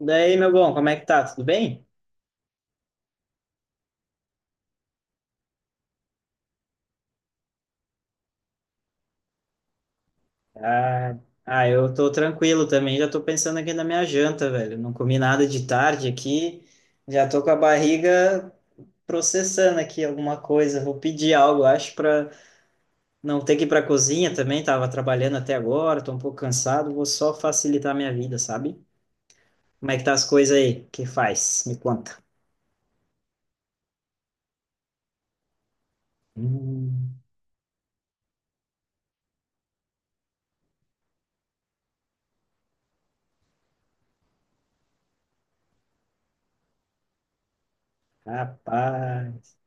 Daí, meu bom, como é que tá? Tudo bem? Ah, eu tô tranquilo também, já tô pensando aqui na minha janta, velho. Não comi nada de tarde aqui, já tô com a barriga processando aqui alguma coisa. Vou pedir algo, acho, pra não ter que ir pra cozinha também. Tava trabalhando até agora, tô um pouco cansado, vou só facilitar a minha vida, sabe? Como é que tá as coisas aí? Que faz? Me conta. Hum, rapaz.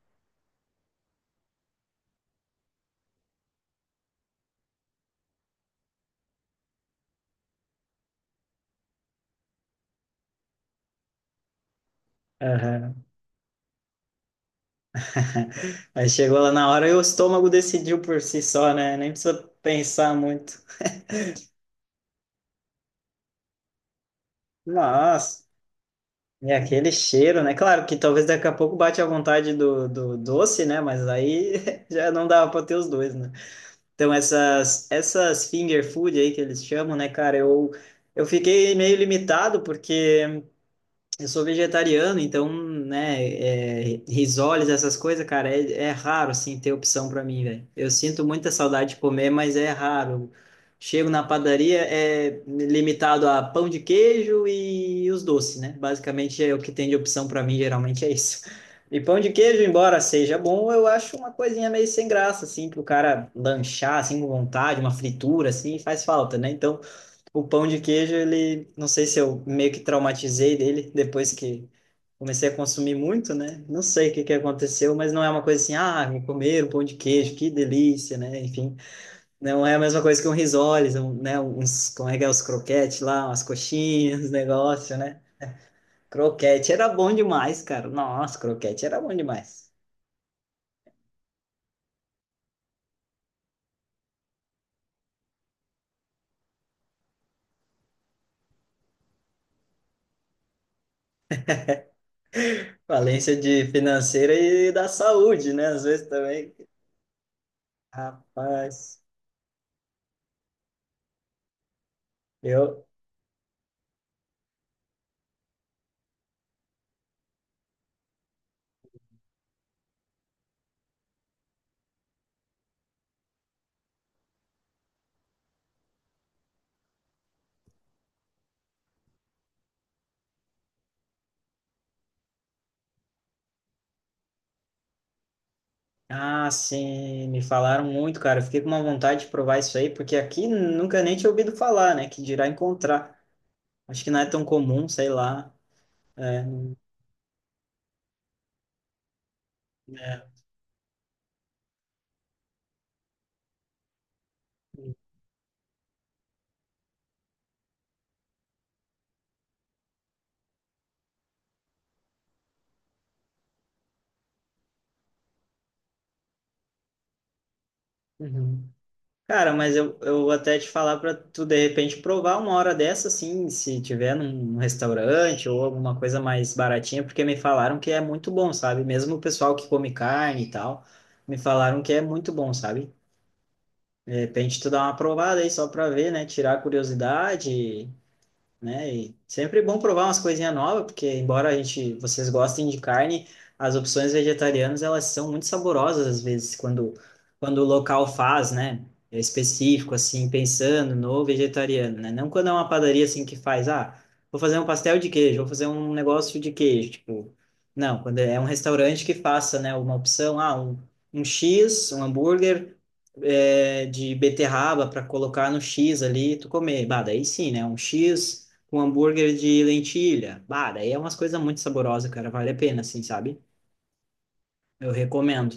Aham. Aí chegou lá na hora e o estômago decidiu por si só, né? Nem precisa pensar muito. Nossa, e aquele cheiro, né? Claro que talvez daqui a pouco bate a vontade do doce, né? Mas aí já não dava para ter os dois, né? Então essas finger food aí que eles chamam, né, cara? Eu fiquei meio limitado porque eu sou vegetariano, então, né, é, risoles, essas coisas, cara, é, é raro, assim, ter opção para mim, velho. Eu sinto muita saudade de comer, mas é raro. Chego na padaria, é limitado a pão de queijo e os doces, né? Basicamente é o que tem de opção para mim, geralmente é isso. E pão de queijo, embora seja bom, eu acho uma coisinha meio sem graça, assim, pro cara lanchar, assim, com vontade, uma fritura, assim, faz falta, né? Então, o pão de queijo, ele, não sei se eu meio que traumatizei dele depois que comecei a consumir muito, né? Não sei o que que aconteceu, mas não é uma coisa assim, ah, vou comer um pão de queijo, que delícia, né? Enfim, não é a mesma coisa que um risoles, um, né? Uns, como é que é, os croquetes lá, umas coxinhas, negócio, né? Croquete era bom demais, cara. Nossa, croquete era bom demais. Valência de financeira e da saúde, né? Às vezes também, rapaz. Eu, ah, sim, me falaram muito, cara. Eu fiquei com uma vontade de provar isso aí, porque aqui nunca nem tinha ouvido falar, né? Que dirá encontrar. Acho que não é tão comum, sei lá. É, é. Uhum. Cara, mas eu vou até te falar para tu de repente provar uma hora dessa, assim, se tiver num restaurante ou alguma coisa mais baratinha, porque me falaram que é muito bom, sabe? Mesmo o pessoal que come carne e tal, me falaram que é muito bom, sabe? De repente tu dá uma provada aí só para ver, né? Tirar a curiosidade. Né? E sempre é bom provar umas coisinhas novas, porque embora a gente, vocês gostem de carne, as opções vegetarianas elas são muito saborosas às vezes quando o local faz, né? É específico assim, pensando no vegetariano, né? Não quando é uma padaria assim que faz, ah, vou fazer um pastel de queijo, vou fazer um negócio de queijo, tipo, não, quando é um restaurante que faça, né, uma opção, ah, um X, um hambúrguer é, de beterraba para colocar no X ali, tu comer. Bah, daí sim, né? Um X com hambúrguer de lentilha. Bah, daí é umas coisas muito saborosas, cara. Vale a pena, assim, sabe? Eu recomendo.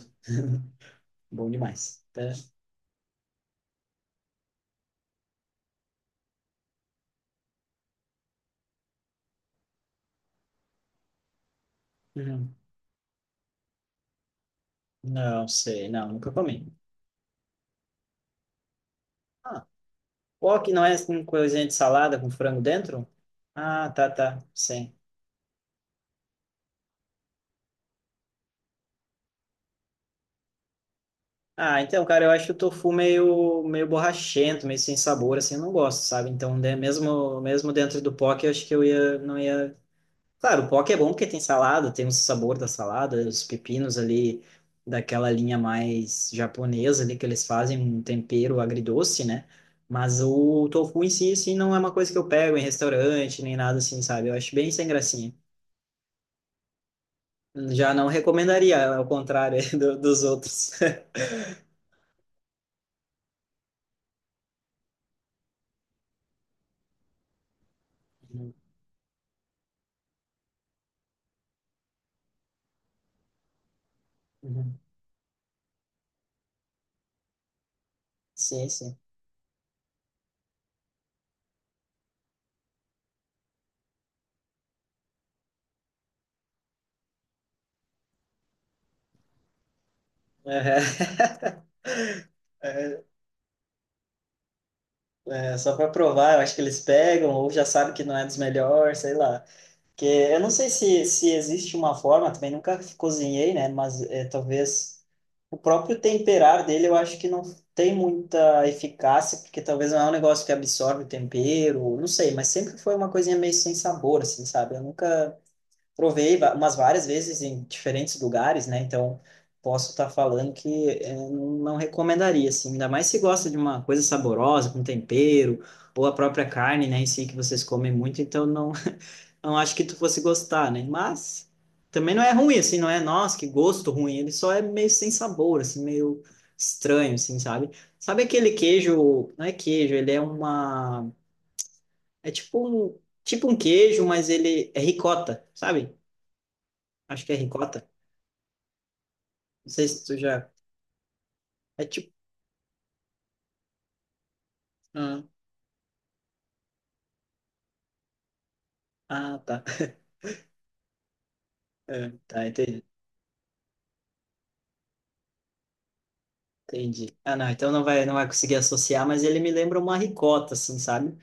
Bom demais. Tá? Uhum. Não sei, não, nunca comi. Ah, wok não é com coisinha de salada com frango dentro? Ah, tá, tá, sim. Ah, então, cara, eu acho o tofu meio borrachento, meio sem sabor, assim, eu não gosto, sabe? Então, né, mesmo dentro do poke, eu acho que eu ia, não ia. Claro, o poke é bom porque tem salada, tem o sabor da salada, os pepinos ali daquela linha mais japonesa ali que eles fazem um tempero agridoce, né? Mas o tofu em si, assim, não é uma coisa que eu pego em restaurante nem nada assim, sabe? Eu acho bem sem gracinha. Já não recomendaria, ao contrário dos outros. Uhum. Uhum. Sim, sim. Uhum. É, só para provar, eu acho que eles pegam ou já sabem que não é dos melhores, sei lá. Que eu não sei se existe uma forma, também nunca cozinhei, né? Mas é, talvez o próprio temperar dele eu acho que não tem muita eficácia, porque talvez não é um negócio que absorve o tempero, não sei, mas sempre foi uma coisinha meio sem sabor, assim, sabe? Eu nunca provei umas várias vezes em diferentes lugares, né? Então posso estar falando que é, não recomendaria, assim, ainda mais se gosta de uma coisa saborosa, com tempero, ou a própria carne, né, em si, que vocês comem muito, então não acho que tu fosse gostar, né? Mas também não é ruim, assim, não é, nossa, que gosto ruim. Ele só é meio sem sabor, assim, meio estranho, assim, sabe? Sabe aquele queijo, não é queijo, ele é uma, é tipo um queijo, mas ele é ricota, sabe? Acho que é ricota. Não sei se tu já, é tipo, ah, ah, tá. É, tá, entendi. Entendi. Ah, não, então não vai conseguir associar, mas ele me lembra uma ricota, assim, sabe?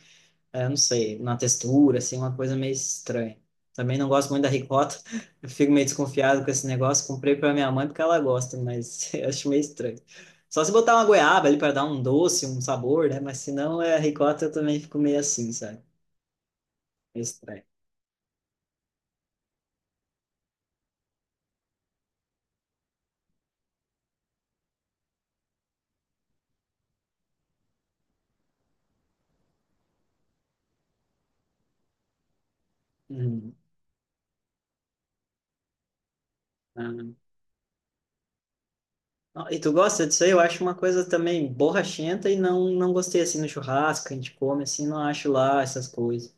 É, não sei, na textura, assim, uma coisa meio estranha. Também não gosto muito da ricota, eu fico meio desconfiado com esse negócio. Comprei para minha mãe porque ela gosta, mas eu acho meio estranho. Só se botar uma goiaba ali para dar um doce, um sabor, né? Mas se não é ricota, eu também fico meio assim, sabe? Meio estranho. Uhum. Ah, não. E tu gosta disso aí? Eu acho uma coisa também borrachenta e não gostei assim no churrasco, que a gente come assim, não acho lá essas coisas.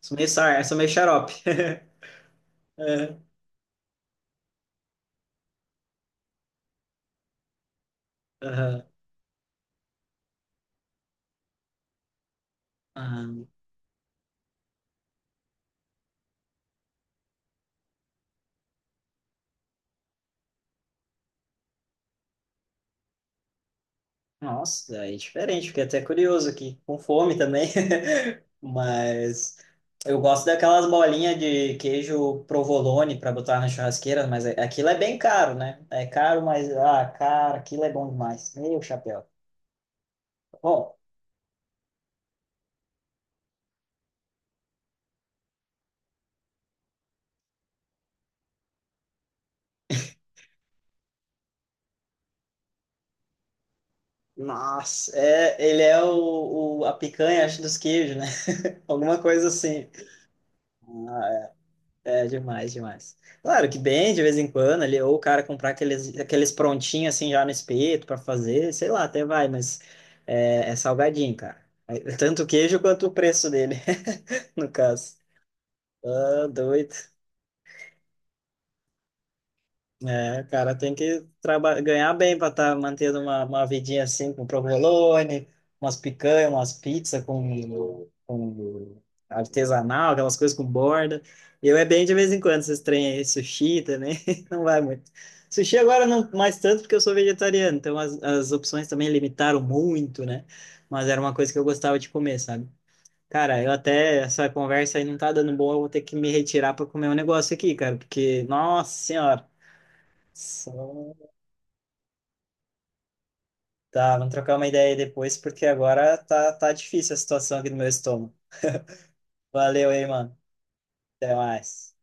Sou meio, sou meio xarope. Aham. Aham. Nossa, é diferente, fiquei até curioso aqui, com fome também. Mas eu gosto daquelas bolinhas de queijo provolone para botar na churrasqueira, mas aquilo é bem caro, né? É caro, mas ah, cara, aquilo é bom demais. Meu chapéu. Bom, nossa, é, ele é a picanha, acho, dos queijos, né? Alguma coisa assim. É, demais, demais. Claro que bem, de vez em quando, ali, ou o cara comprar aqueles prontinhos assim já no espeto para fazer, sei lá, até vai, mas é, é salgadinho, cara. É tanto o queijo quanto o preço dele, no caso. Ah, doido. É, cara, tem que ganhar bem para estar mantendo uma vidinha assim com provolone, umas picanhas, umas pizzas com artesanal, aquelas coisas com borda. Eu é bem de vez em quando, esses trem aí, sushi também, não vai muito. Sushi agora não mais tanto porque eu sou vegetariano, então as opções também limitaram muito, né? Mas era uma coisa que eu gostava de comer, sabe? Cara, eu até, essa conversa aí não tá dando boa, eu vou ter que me retirar para comer um negócio aqui, cara, porque, nossa senhora. Só... Tá, vamos trocar uma ideia aí depois, porque agora tá, tá difícil a situação aqui no meu estômago. Valeu aí, mano. Até mais.